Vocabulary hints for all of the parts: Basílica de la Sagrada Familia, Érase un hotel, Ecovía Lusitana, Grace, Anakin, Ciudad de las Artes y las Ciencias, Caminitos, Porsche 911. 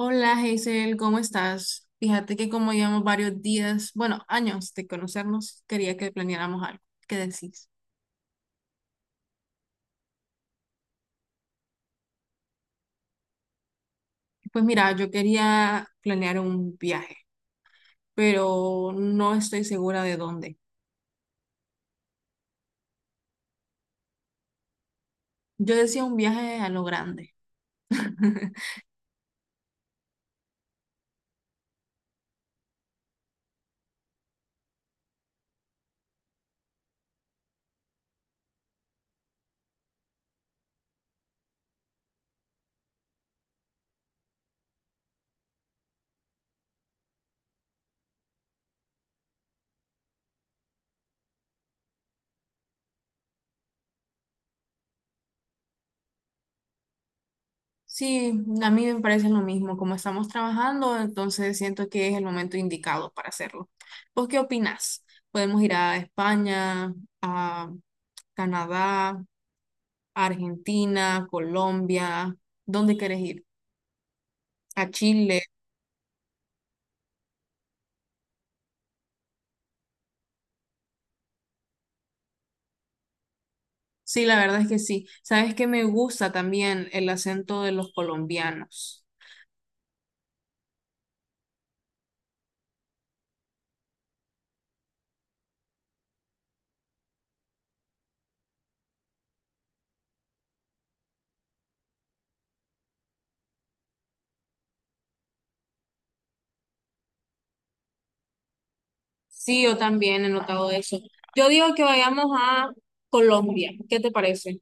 Hola, Hazel, ¿cómo estás? Fíjate que como llevamos varios días, bueno, años de conocernos, quería que planeáramos algo. ¿Qué decís? Pues mira, yo quería planear un viaje, pero no estoy segura de dónde. Yo decía un viaje a lo grande. Sí, a mí me parece lo mismo. Como estamos trabajando, entonces siento que es el momento indicado para hacerlo. ¿Vos qué opinás? Podemos ir a España, a Canadá, a Argentina, Colombia, ¿dónde quieres ir? A Chile. Sí, la verdad es que sí. Sabes que me gusta también el acento de los colombianos. Sí, yo también he notado eso. Yo digo que vayamos a Colombia. ¿Qué te parece?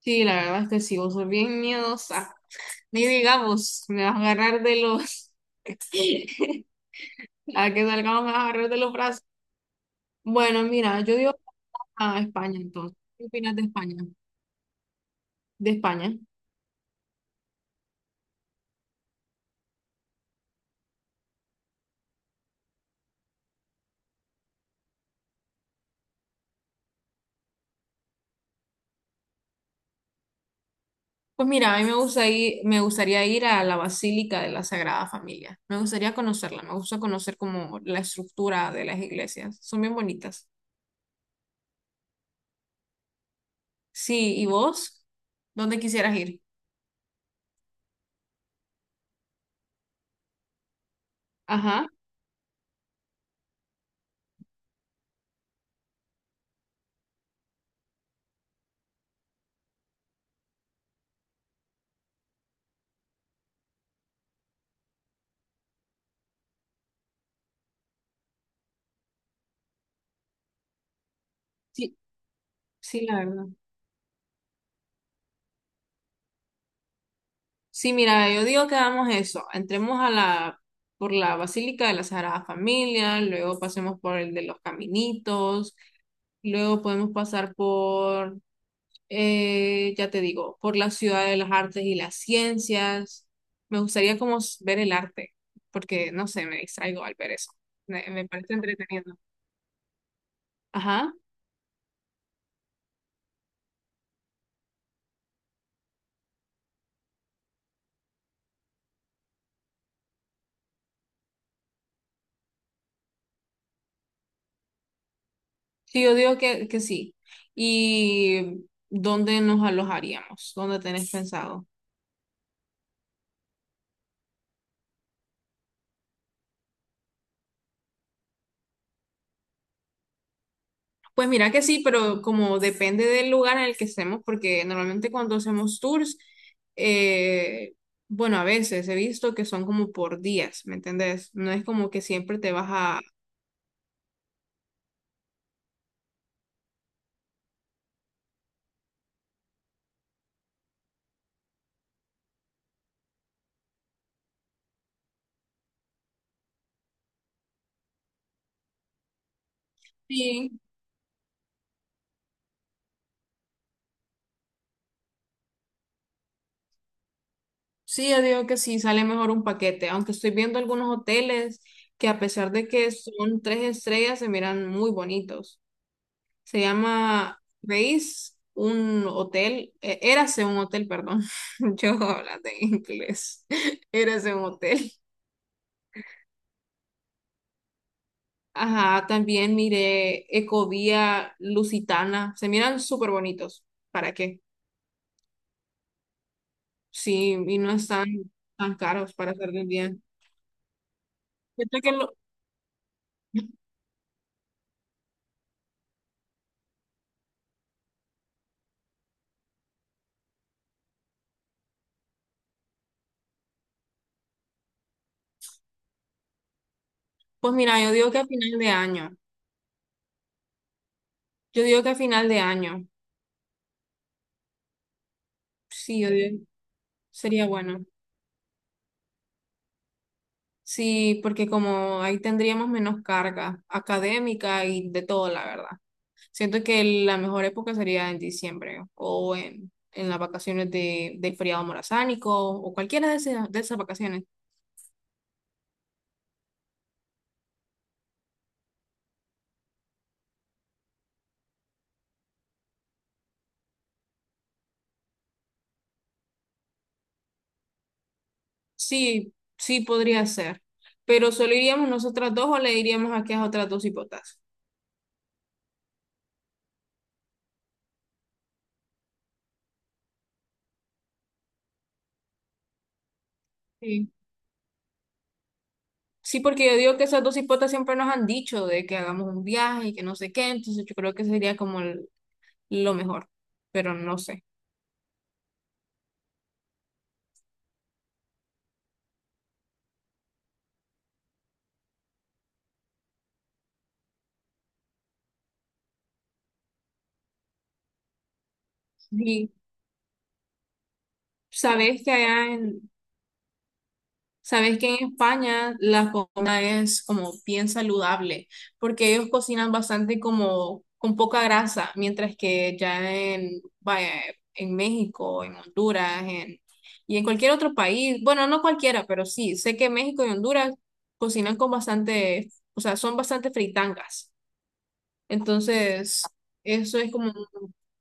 Sí, la verdad es que sí, vos sos bien miedosa. Ni digamos, me vas a agarrar de los. A que salgamos me vas a agarrar de los brazos. Bueno, mira, yo digo a España entonces. ¿Qué opinas de España? De España. Pues mira, a mí me gustaría ir a la Basílica de la Sagrada Familia. Me gustaría conocerla, me gusta conocer como la estructura de las iglesias. Son bien bonitas. Sí, ¿y vos? ¿Dónde quisieras ir? Ajá. Sí, sí, la verdad. Sí, mira, yo digo que hagamos eso. Entremos por la Basílica de la Sagrada Familia, luego pasemos por el de los Caminitos, luego podemos pasar por ya te digo, por la ciudad de las artes y las ciencias. Me gustaría como ver el arte, porque no sé, me distraigo al ver eso. Me parece entretenido. Ajá. Sí, yo digo que sí. ¿Y dónde nos alojaríamos? ¿Dónde tenés pensado? Pues mira que sí, pero como depende del lugar en el que estemos, porque normalmente cuando hacemos tours, eh, bueno, a veces he visto que son como por días, ¿me entendés? No es como que siempre te vas a. Sí. Sí, yo digo que sí, sale mejor un paquete, aunque estoy viendo algunos hoteles que a pesar de que son tres estrellas, se miran muy bonitos. Se llama Grace, un hotel, Érase un hotel, perdón, yo hablando en inglés, Érase un hotel. Ajá, también miré Ecovía Lusitana, se miran súper bonitos, ¿para qué? Sí, y no están tan caros para hacer de un día. Yo creo que pues mira, yo digo que a final de año. Yo digo que a final de año, sí, yo digo, sería bueno. Sí, porque como ahí tendríamos menos carga académica y de todo, la verdad. Siento que la mejor época sería en diciembre o en las vacaciones del feriado morazánico o cualquiera de esas, vacaciones. Sí, sí podría ser, pero solo iríamos nosotras dos o le diríamos aquí a otras dos hipotas. Sí. Sí, porque yo digo que esas dos hipotas siempre nos han dicho de que hagamos un viaje y que no sé qué, entonces yo creo que sería como lo mejor, pero no sé. Y sabes que allá en, sabes que en España la comida es como bien saludable, porque ellos cocinan bastante como con poca grasa, mientras que ya en México, en Honduras, y en cualquier otro país, bueno, no cualquiera, pero sí, sé que México y Honduras cocinan con bastante, o sea, son bastante fritangas. Entonces, eso es como,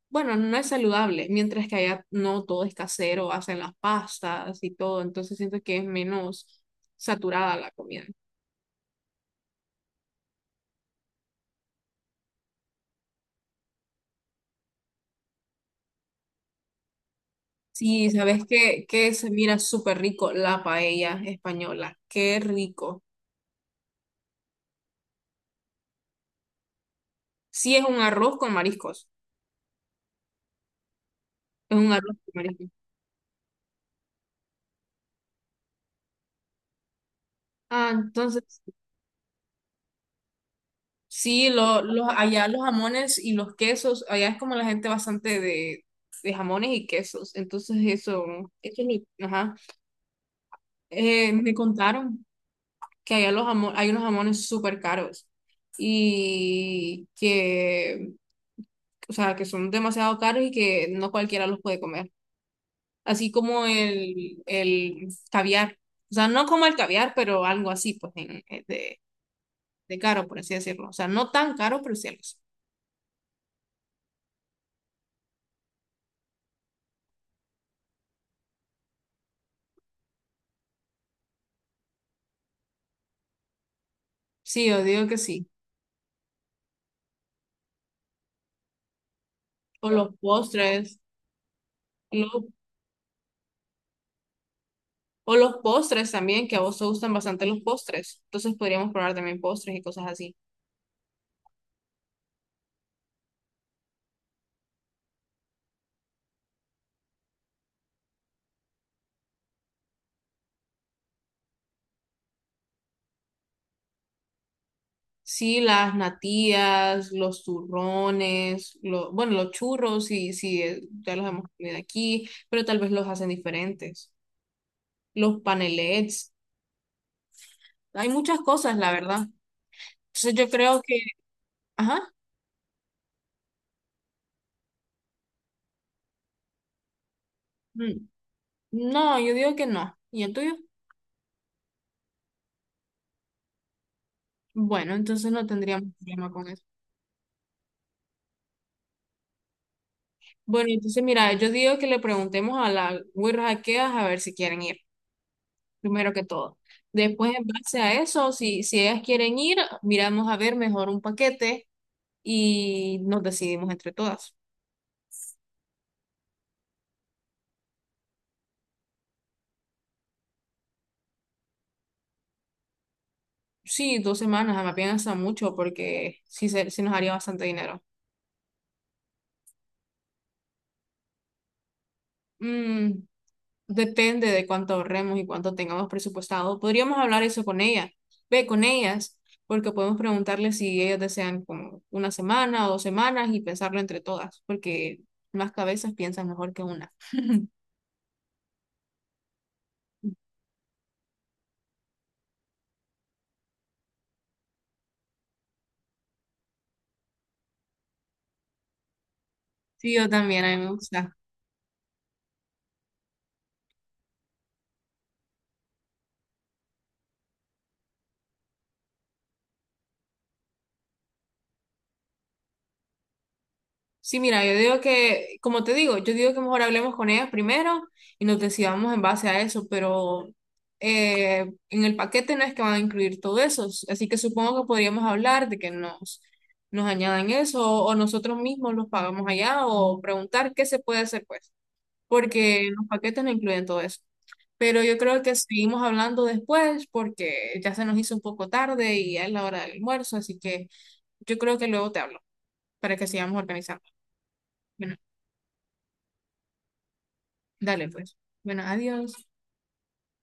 bueno, no es saludable, mientras que allá no todo es casero, hacen las pastas y todo, entonces siento que es menos saturada la comida. Sí, ¿sabes qué? Que se mira súper rico la paella española, qué rico. Sí, es un arroz con mariscos, es un arroz con mariscos Ah, entonces, sí, allá los jamones y los quesos, allá es como la gente bastante de jamones y quesos, entonces eso ajá. Me contaron que allá hay unos jamones súper caros y que, o sea, que son demasiado caros y que no cualquiera los puede comer. Así como el caviar. O sea, no como el caviar, pero algo así, pues, de caro, por así decirlo. O sea, no tan caro, pero sí algo así. Sí, yo digo que sí. O los postres, lo- o los postres también, que a vos te gustan bastante los postres. Entonces podríamos probar también postres y cosas así. Sí, las natillas, los turrones, bueno, los churros, sí, sí, ya los hemos comido aquí, pero tal vez los hacen diferentes. Los panelets, hay muchas cosas, la verdad. Entonces ajá, mm, no, yo digo que no. ¿Y el tuyo? Bueno, entonces no tendríamos problema con eso. Bueno, entonces mira, yo digo que le preguntemos a las güiras aqueas a ver si quieren ir, primero que todo. Después, en base a eso, si ellas quieren ir, miramos a ver mejor un paquete y nos decidimos entre todas. Sí, 2 semanas, me piensa mucho porque sí nos haría bastante dinero. Mm, depende de cuánto ahorremos y cuánto tengamos presupuestado. Podríamos hablar eso con ellas, porque podemos preguntarles si ellas desean como una semana o 2 semanas y pensarlo entre todas, porque más cabezas piensan mejor que una. Sí, yo también, a mí me gusta. Sí, mira, yo digo que, como te digo, yo digo que mejor hablemos con ellas primero y nos decidamos en base a eso, pero eh, en el paquete no es que van a incluir todo eso, así que supongo que podríamos hablar de que nos añadan eso o nosotros mismos los pagamos allá o preguntar qué se puede hacer pues, porque los paquetes no incluyen todo eso. Pero yo creo que seguimos hablando después porque ya se nos hizo un poco tarde y ya es la hora del almuerzo, así que yo creo que luego te hablo para que sigamos organizando. Bueno. Dale, pues. Bueno, adiós.